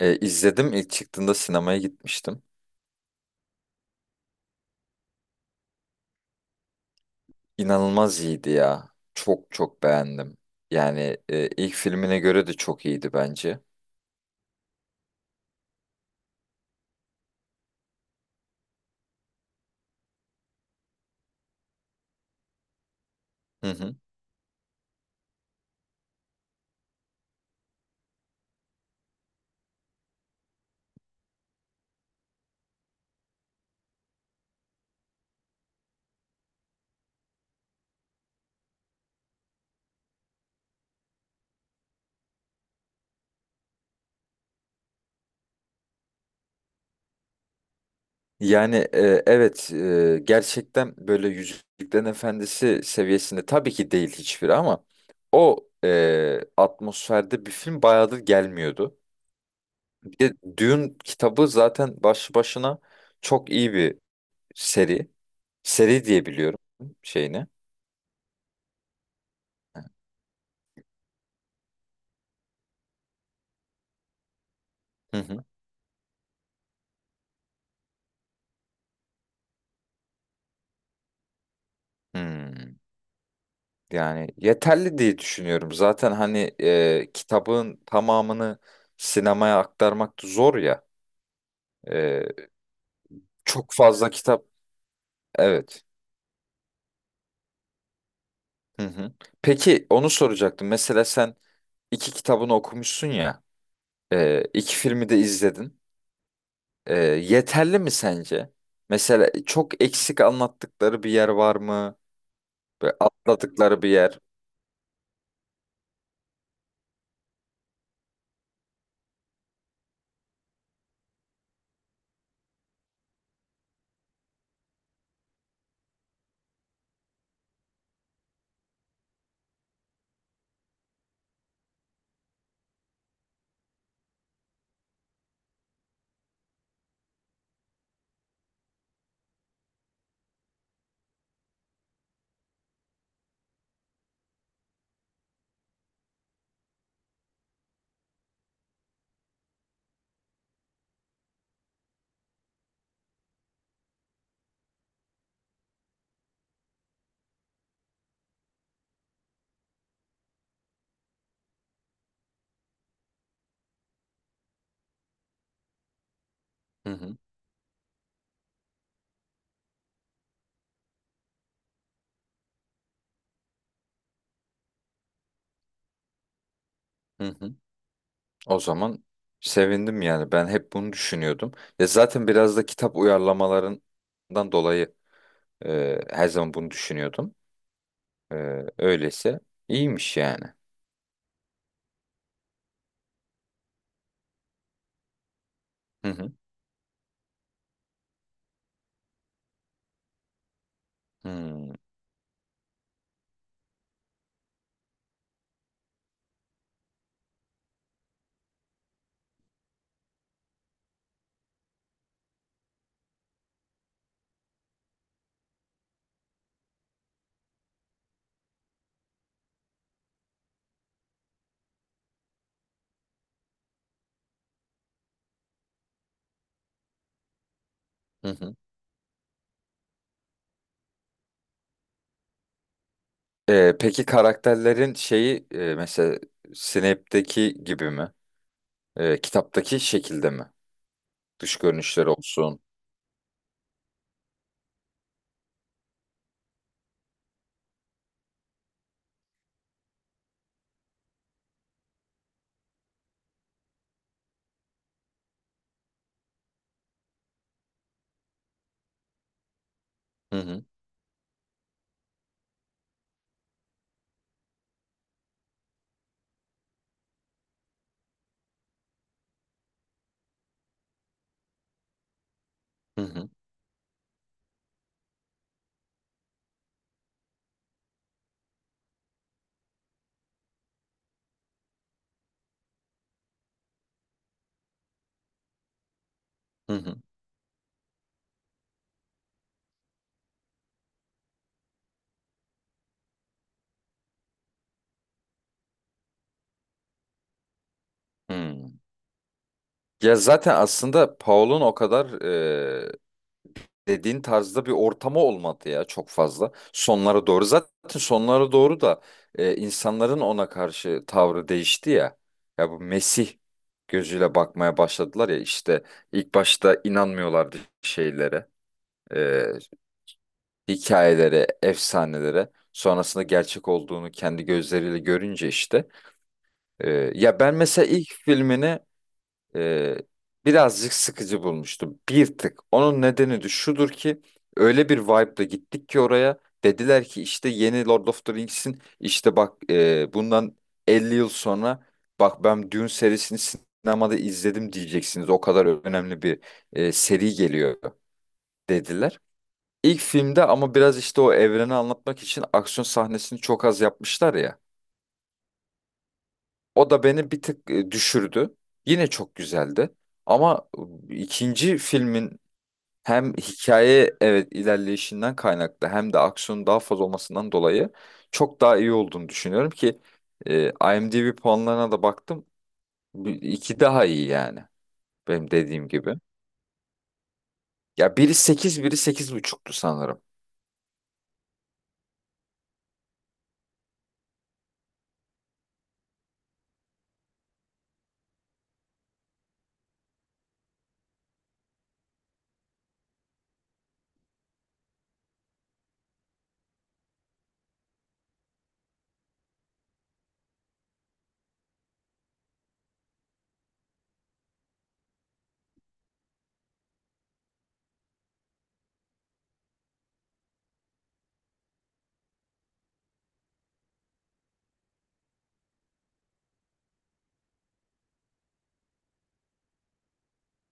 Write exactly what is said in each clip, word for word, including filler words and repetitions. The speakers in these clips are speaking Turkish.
E, izledim ilk çıktığında sinemaya gitmiştim. İnanılmaz iyiydi ya. Çok çok beğendim. Yani e, ilk filmine göre de çok iyiydi bence. Hı hı. Yani e, evet, e, gerçekten böyle Yüzüklerin Efendisi seviyesinde tabii ki değil hiçbiri ama o e, atmosferde bir film bayağıdır gelmiyordu. Bir de Dune kitabı zaten başlı başına çok iyi bir seri. Seri diye biliyorum şeyini. Hı hı. Hmm. Yani yeterli diye düşünüyorum. Zaten hani e, kitabın tamamını sinemaya aktarmak da zor ya. E, Çok fazla kitap. Evet. Hı hı. Peki onu soracaktım. Mesela sen iki kitabını okumuşsun ya. E, iki filmi de izledin. E, yeterli mi sence? Mesela çok eksik anlattıkları bir yer var mı? Ve atladıkları bir yer. Hı hı. Hı hı. O zaman sevindim yani. Ben hep bunu düşünüyordum. Ya zaten biraz da kitap uyarlamalarından dolayı e, her zaman bunu düşünüyordum. E, öyleyse iyiymiş yani. Hı hı. Hmm. Hı hı. E, peki karakterlerin şeyi, e, mesela Snape'deki gibi mi? E, kitaptaki şekilde mi? Dış görünüşleri olsun. Hı hı. Hı hı. Hı hı. Hmm. Ya zaten aslında Paul'un o kadar dediğin tarzda bir ortamı olmadı ya çok fazla. Sonlara doğru zaten, sonlara doğru da e, insanların ona karşı tavrı değişti ya. Ya bu Mesih gözüyle bakmaya başladılar ya işte, ilk başta inanmıyorlardı şeylere, e, hikayelere, efsanelere. Sonrasında gerçek olduğunu kendi gözleriyle görünce işte. E, ya ben mesela ilk filmini e, birazcık sıkıcı bulmuştum. Bir tık. Onun nedeni de şudur ki, öyle bir vibe'la gittik ki oraya, dediler ki işte yeni Lord of the Rings'in, işte bak, e, bundan elli yıl sonra bak, ben Dune serisini sinemada izledim diyeceksiniz. O kadar önemli bir e, seri geliyor dediler. İlk filmde ama biraz işte o evreni anlatmak için aksiyon sahnesini çok az yapmışlar ya. O da beni bir tık e, düşürdü. Yine çok güzeldi. Ama e, ikinci filmin hem hikaye, evet, ilerleyişinden kaynaklı, hem de aksiyonun daha fazla olmasından dolayı çok daha iyi olduğunu düşünüyorum ki e, IMDb puanlarına da baktım. Bir- İki daha iyi yani, benim dediğim gibi. Ya biri sekiz, biri sekiz buçuktu sanırım.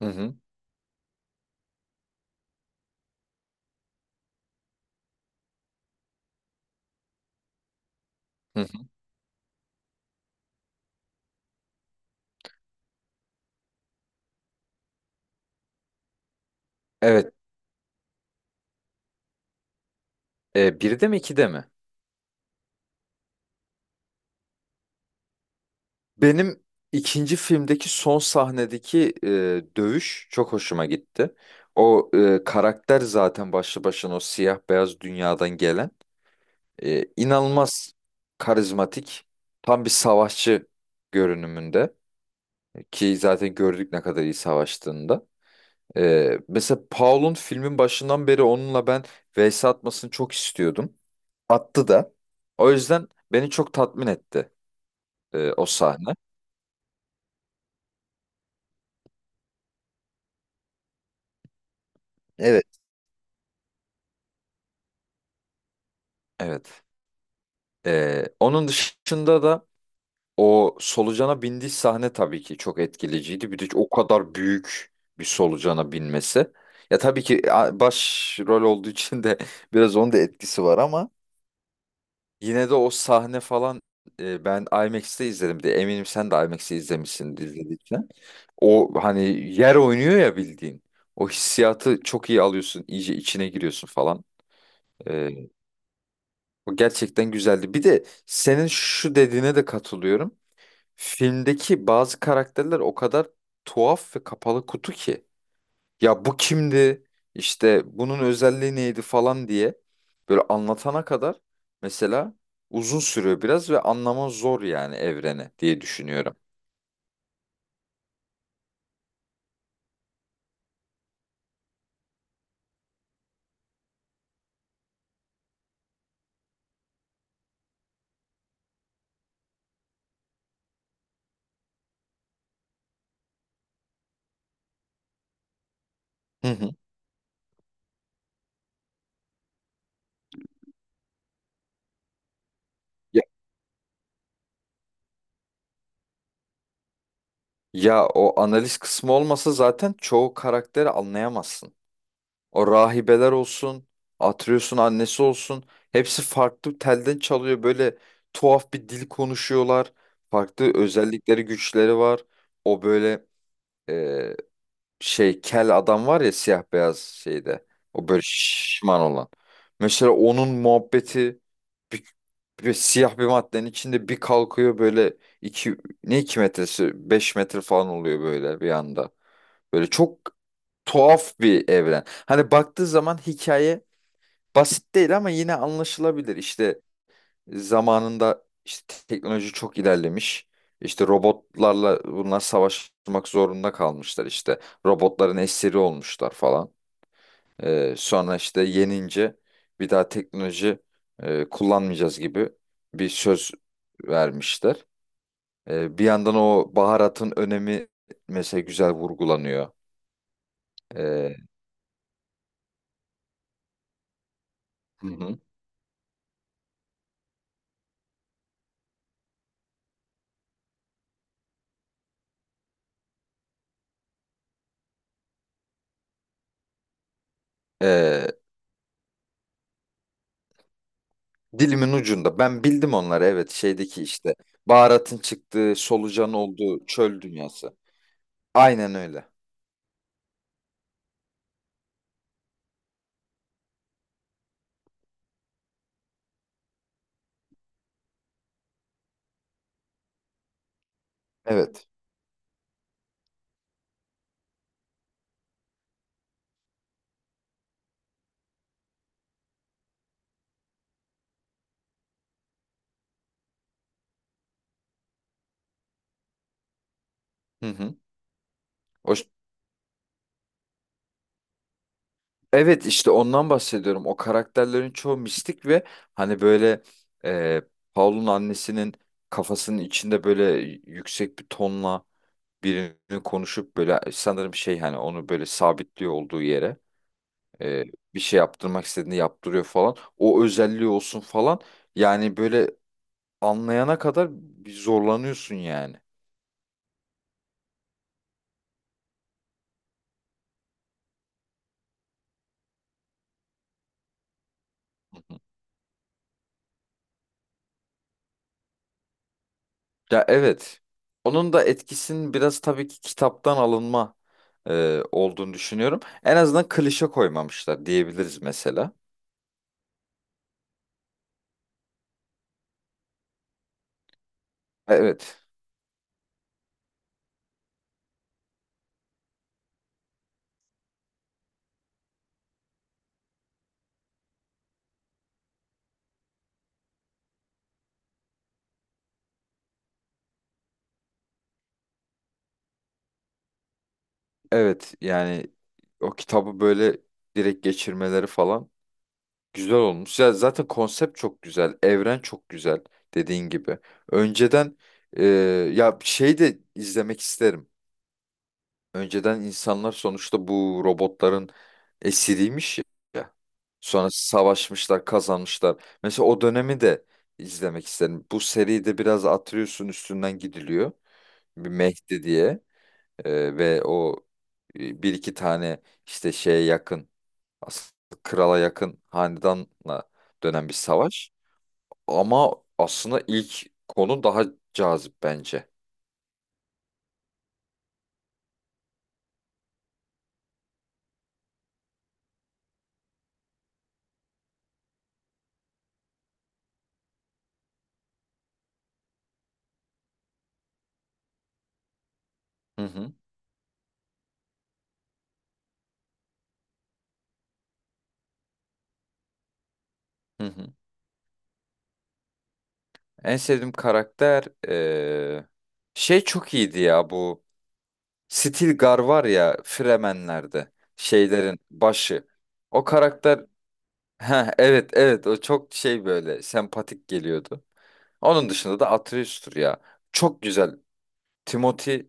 Hı hı. Hı hı. Evet, e, biri de mi ikide mi? Benim ikinci filmdeki son sahnedeki e, dövüş çok hoşuma gitti. O e, karakter zaten başlı başına o siyah beyaz dünyadan gelen, e, inanılmaz karizmatik, tam bir savaşçı görünümünde, ki zaten gördük ne kadar iyi savaştığında. E, mesela Paul'un filmin başından beri onunla ben vs atmasını çok istiyordum. Attı da. O yüzden beni çok tatmin etti e, o sahne. Evet. Evet. Ee, onun dışında da o solucana bindiği sahne tabii ki çok etkileyiciydi. Bir de o kadar büyük bir solucana binmesi. Ya tabii ki a- baş rol olduğu için de biraz onun da etkisi var, ama yine de o sahne falan, e, ben IMAX'te izledim de eminim sen de IMAX'te izlemişsin izlediğin için. O hani yer oynuyor ya bildiğin. O hissiyatı çok iyi alıyorsun. İyice içine giriyorsun falan. Ee, O gerçekten güzeldi. Bir de senin şu dediğine de katılıyorum. Filmdeki bazı karakterler o kadar tuhaf ve kapalı kutu ki. Ya bu kimdi? İşte bunun özelliği neydi falan diye böyle anlatana kadar mesela uzun sürüyor biraz ve anlama zor yani evreni diye düşünüyorum. Hı hı. Ya, ya o analiz kısmı olmasa zaten çoğu karakteri anlayamazsın. O rahibeler olsun, Atreus'un annesi olsun. Hepsi farklı telden çalıyor. Böyle tuhaf bir dil konuşuyorlar. Farklı özellikleri, güçleri var. O böyle, e, şey, kel adam var ya siyah beyaz şeyde. O böyle şişman olan. Mesela onun muhabbeti, bir, bir siyah bir maddenin içinde bir kalkıyor böyle, iki, ne iki metresi? Beş metre falan oluyor böyle bir anda. Böyle çok tuhaf bir evren. Hani baktığı zaman hikaye basit değil ama yine anlaşılabilir. İşte zamanında işte teknoloji çok ilerlemiş. İşte robotlarla bunlar savaşmak zorunda kalmışlar işte. Robotların esiri olmuşlar falan. Ee, sonra işte yenince bir daha teknoloji e, kullanmayacağız gibi bir söz vermişler. Ee, bir yandan o baharatın önemi mesela güzel vurgulanıyor. Ee, hı hı. Ee, Dilimin ucunda. Ben bildim onları, evet, şeydeki işte baharatın çıktığı, solucan olduğu çöl dünyası. Aynen öyle. Evet. Hı hı. O, ş- evet işte ondan bahsediyorum. O karakterlerin çoğu mistik ve hani böyle, e, Paul'un annesinin kafasının içinde böyle yüksek bir tonla birini konuşup böyle, sanırım şey, hani onu böyle sabitliyor olduğu yere, e, bir şey yaptırmak istediğini yaptırıyor falan. O özelliği olsun falan. Yani böyle anlayana kadar bir zorlanıyorsun yani. Ya evet. Onun da etkisinin biraz tabii ki kitaptan alınma e, olduğunu düşünüyorum. En azından klişe koymamışlar diyebiliriz mesela. Evet. Evet yani o kitabı böyle direkt geçirmeleri falan güzel olmuş. Ya zaten konsept çok güzel. Evren çok güzel dediğin gibi. Önceden, e, ya şey de izlemek isterim. Önceden insanlar sonuçta bu robotların esiriymiş ya. Sonra savaşmışlar, kazanmışlar. Mesela o dönemi de izlemek isterim. Bu seride biraz atlıyorsun, üstünden gidiliyor. Bir Mehdi diye. Ee, ve o, e, bir iki tane işte şeye yakın, aslında krala yakın hanedanla dönen bir savaş. Ama aslında ilk konu daha cazip bence. Hı hı. Hı hı. En sevdiğim karakter, eee, şey çok iyiydi ya bu, Stilgar var ya Fremenler'de şeylerin başı. O karakter, ha evet evet, o çok şey, böyle sempatik geliyordu. Onun dışında da Atreus'tur ya. Çok güzel. Timothy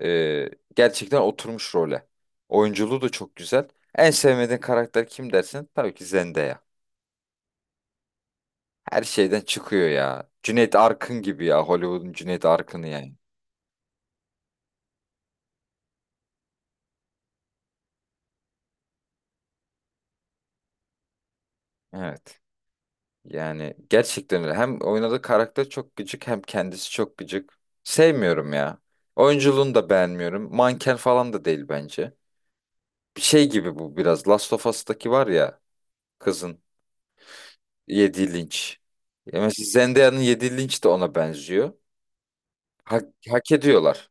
eee, gerçekten oturmuş role. Oyunculuğu da çok güzel. En sevmediğin karakter kim dersin? Tabii ki Zendaya. Her şeyden çıkıyor ya. Cüneyt Arkın gibi ya. Hollywood'un Cüneyt Arkın'ı yani. Evet. Yani gerçekten öyle. Hem oynadığı karakter çok gıcık, hem kendisi çok gıcık. Sevmiyorum ya. Oyunculuğunu da beğenmiyorum. Manken falan da değil bence. Bir şey gibi bu biraz. Last of Us'taki var ya, kızın yediği linç. Ya mesela Zendaya'nın yediği linç de ona benziyor. Hak, hak ediyorlar.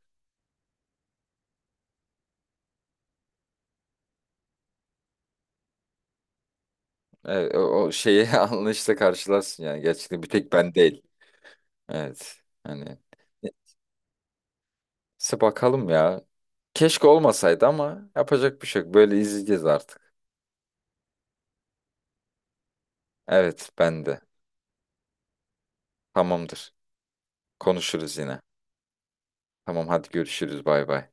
Evet, o, o şeyi anlayışla karşılarsın yani. Gerçekten bir tek ben değil. Evet. Hani neyse bakalım ya. Keşke olmasaydı ama yapacak bir şey yok. Böyle izleyeceğiz artık. Evet ben de. Tamamdır. Konuşuruz yine. Tamam hadi görüşürüz bay bay.